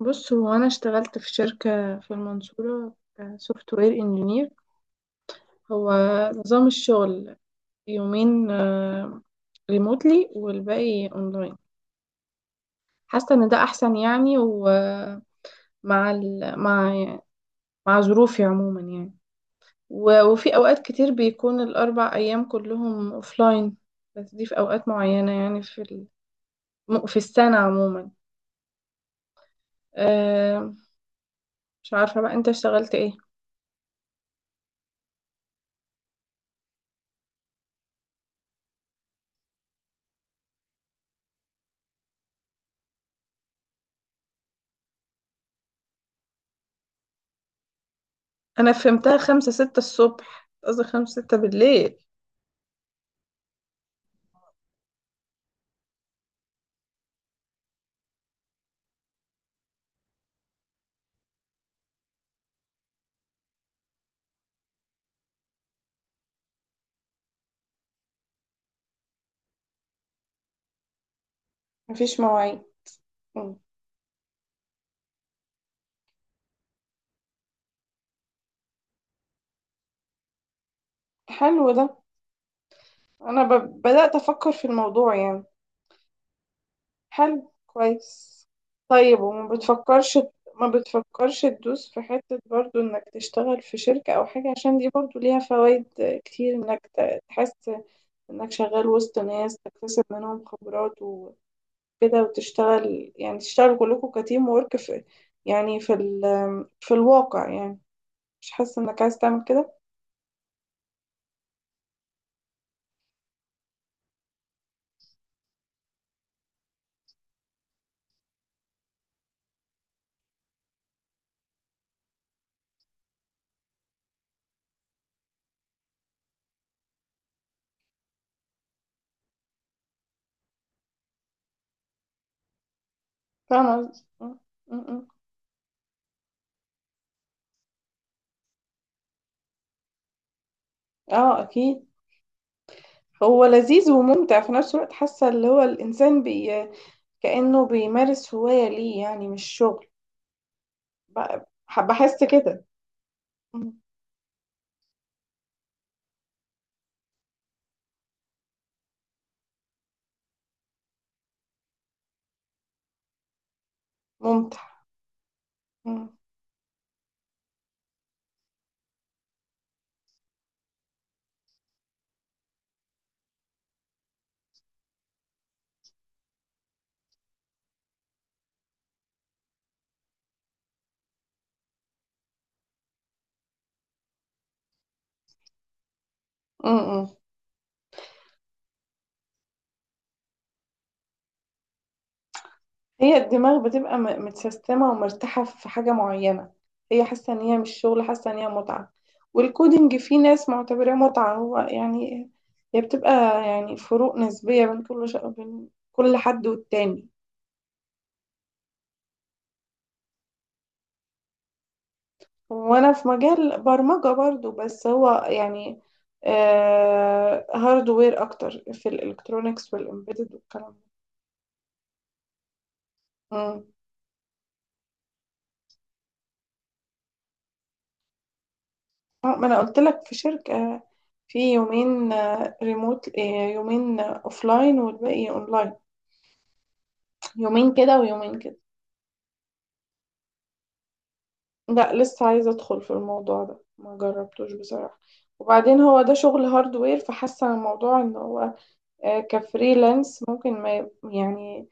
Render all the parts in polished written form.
بص هو انا اشتغلت في شركة في المنصورة. سوفت وير انجينير. هو نظام الشغل يومين ريموتلي والباقي اونلاين. حاسة ان ده احسن يعني، ومع ال... مع مع ظروفي عموما يعني. وفي اوقات كتير بيكون الاربع ايام كلهم اوفلاين، بس دي في اوقات معينة يعني في السنة عموما. أه... مش عارفة بقى انت اشتغلت ايه. انا فهمتها خمسة ستة الصبح، قصدي خمسة ستة بالليل. مفيش مواعيد. مم. حلو ده. انا بدأت افكر في الموضوع يعني. حلو، كويس. طيب، وما بتفكرش، ما بتفكرش تدوس في حتة برضو انك تشتغل في شركة او حاجة؟ عشان دي برضو ليها فوائد كتير، انك تحس انك شغال وسط ناس، تكتسب منهم خبرات وكده، وتشتغل يعني تشتغل كلكم كتيم وورك في يعني في الواقع يعني. مش حاسة انك عايز تعمل كده؟ فاهمة قصدي؟ م- م- م. اه اكيد. هو لذيذ وممتع في نفس الوقت، حاسة اللي هو الانسان بي كأنه بيمارس هواية ليه يعني، مش شغل. ب- بحس كده. م- ممتع. م- م- م. هي الدماغ بتبقى متسيستمة ومرتاحة في حاجة معينة. هي حاسة ان هي مش شغل، حاسة ان هي متعة. والكودينج في ناس معتبراه متعة هو يعني. هي بتبقى، يعني فروق نسبية بين بين كل حد والتاني. وانا في مجال برمجة برضو، بس هو يعني آه، هاردوير اكتر، في الالكترونيكس والامبيدد والكلام ده. مم. ما انا قلت لك في شركة، في يومين ريموت، يومين اوفلاين والباقي اونلاين. يومين كده ويومين كده. لا، لسه عايزة ادخل في الموضوع ده، ما جربتوش بصراحة. وبعدين هو ده شغل هاردوير، فحاسة الموضوع ان هو كفريلانس ممكن ما يعني،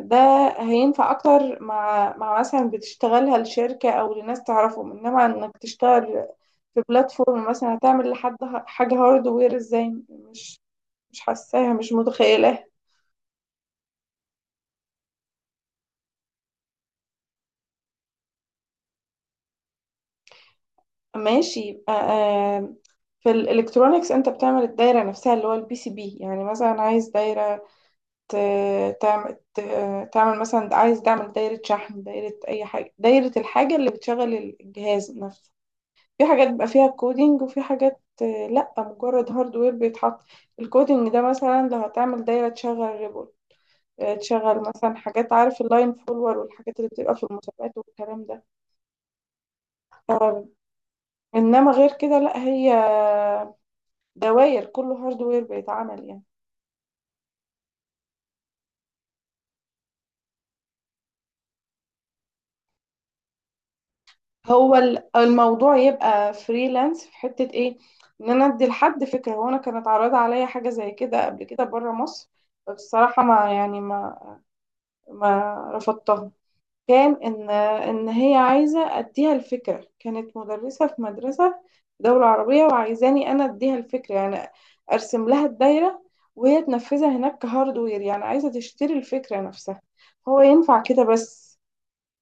ده هينفع اكتر مع مثلا بتشتغلها لشركة او لناس تعرفهم، انما انك تشتغل في بلاتفورم مثلا هتعمل لحد حاجة هاردوير ازاي؟ مش، مش حاساها، مش متخيلة. ماشي، يبقى في الالكترونيكس انت بتعمل الدايرة نفسها اللي هو البي سي بي، يعني مثلا عايز دايرة تعمل، مثلا عايز تعمل دايرة شحن، دايرة اي حاجة، دايرة الحاجة اللي بتشغل الجهاز نفسه. في حاجات بيبقى فيها كودينج، وفي حاجات لا، مجرد هاردوير بيتحط. الكودينج ده مثلا لو هتعمل دايرة تشغل ريبل، تشغل مثلا حاجات، عارف، اللاين فولور والحاجات اللي بتبقى في المسابقات والكلام ده. آه، انما غير كده لا، هي دواير كله هاردوير بيتعمل يعني. هو الموضوع يبقى فريلانس في حتة ايه؟ ان انا ادي لحد فكرة. هو انا كانت عارضة عليا حاجة زي كده قبل كده بره مصر، بس الصراحة ما يعني ما رفضتها. كان إن هي عايزة أديها الفكرة، كانت مدرسة في مدرسة في دولة عربية، وعايزاني أنا أديها الفكرة يعني. أرسم لها الدايرة وهي تنفذها هناك كهاردوير، يعني عايزة تشتري الفكرة نفسها. هو ينفع كده بس،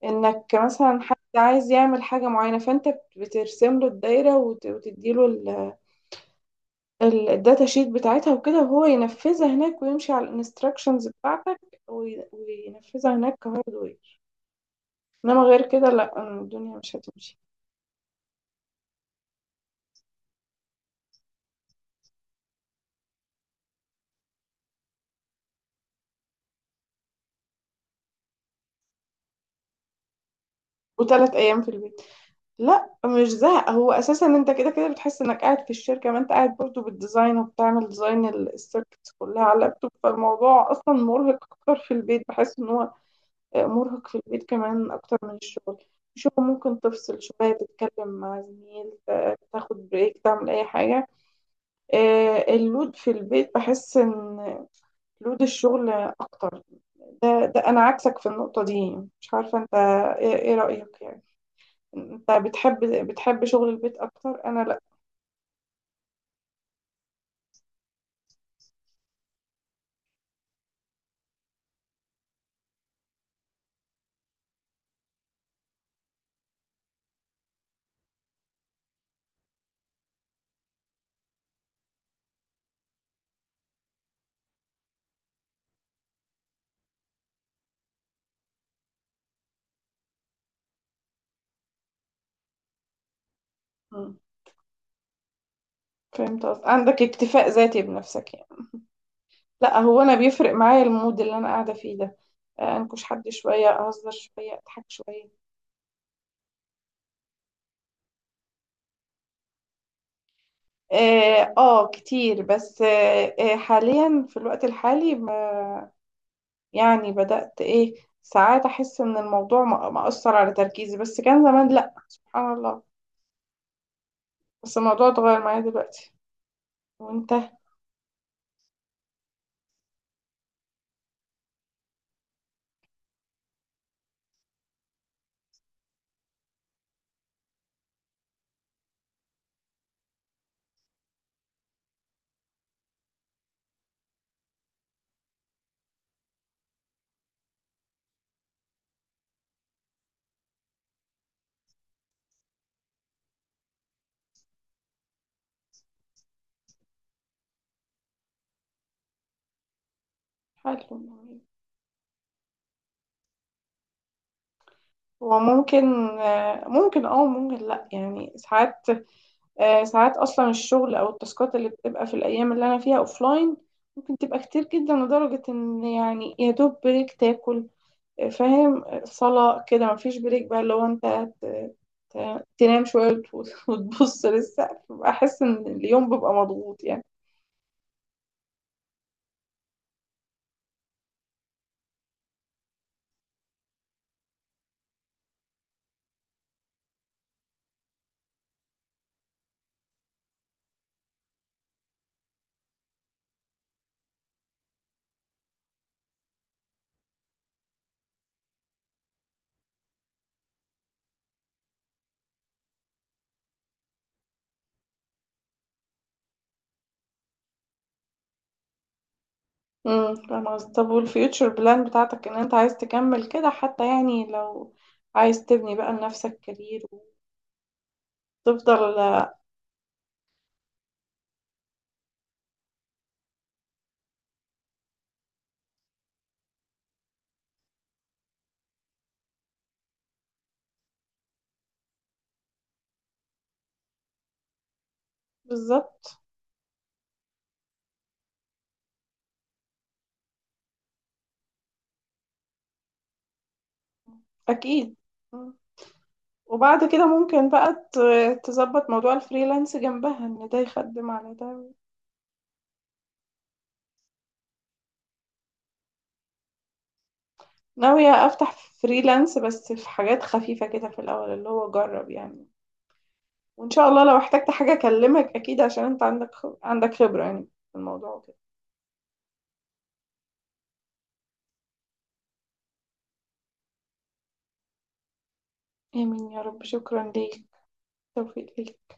إنك مثلا حد عايز يعمل حاجة معينة فأنت بترسم له الدايرة وتديله الداتا شيت بتاعتها وكده، وهو ينفذها هناك ويمشي على الانستراكشنز بتاعتك وينفذها هناك كهاردوير. انما غير كده لا، أنا الدنيا مش هتمشي. وثلاث ايام في البيت. لا، مش زهق. هو اساسا انت كده كده بتحس انك قاعد في الشركه، ما انت قاعد برضو بالديزاين، وبتعمل ديزاين السيركتس كلها على اللابتوب. فالموضوع اصلا مرهق اكتر في البيت، بحس ان هو مرهق في البيت كمان اكتر من الشغل. شو ممكن تفصل شويه، تتكلم مع زميل، تاخد بريك، تعمل اي حاجه. اللود في البيت، بحس ان لود الشغل اكتر. ده ده انا عكسك في النقطة دي. مش عارفة انت إيه رأيك يعني؟ انت بتحب، بتحب شغل البيت اكتر، انا لا. مم. فهمت قصدك، عندك اكتفاء ذاتي بنفسك يعني. لا، هو انا بيفرق معايا المود اللي انا قاعدة فيه ده. انكش حد شوية، اهزر شوية، اضحك شوية. اه، آه كتير، بس آه حاليا في الوقت الحالي يعني بدأت ايه، ساعات احس ان الموضوع مأثر على تركيزي، بس كان زمان لا، سبحان الله. بس الموضوع اتغير معايا دلوقتي. وانت؟ حلو. وممكن ممكن اه، ممكن لا، يعني ساعات ساعات اصلا الشغل او التاسكات اللي بتبقى في الايام اللي انا فيها اوفلاين ممكن تبقى كتير جدا، لدرجة ان يعني يا دوب بريك تاكل، فاهم، صلاة كده، مفيش بريك. بقى لو انت ت- تنام شوية وتبص للسقف، بحس ان اليوم بيبقى مضغوط يعني. فاهمة قصدك. طب والفيوتشر بلان بتاعتك، ان انت عايز تكمل كده حتى، يعني لو عايز تبني بقى لنفسك كارير وتفضل؟ بالظبط. اكيد. مم. وبعد كده ممكن بقى تظبط موضوع الفريلانس جنبها، ان ده يخدم على ده. ناوية افتح فريلانس، بس في حاجات خفيفة كده في الاول، اللي هو جرب يعني. وان شاء الله لو احتجت حاجة اكلمك، اكيد، عشان انت عندك عندك خبرة يعني في الموضوع كده. امين يا رب. شكرا ليك. توفيق ليك.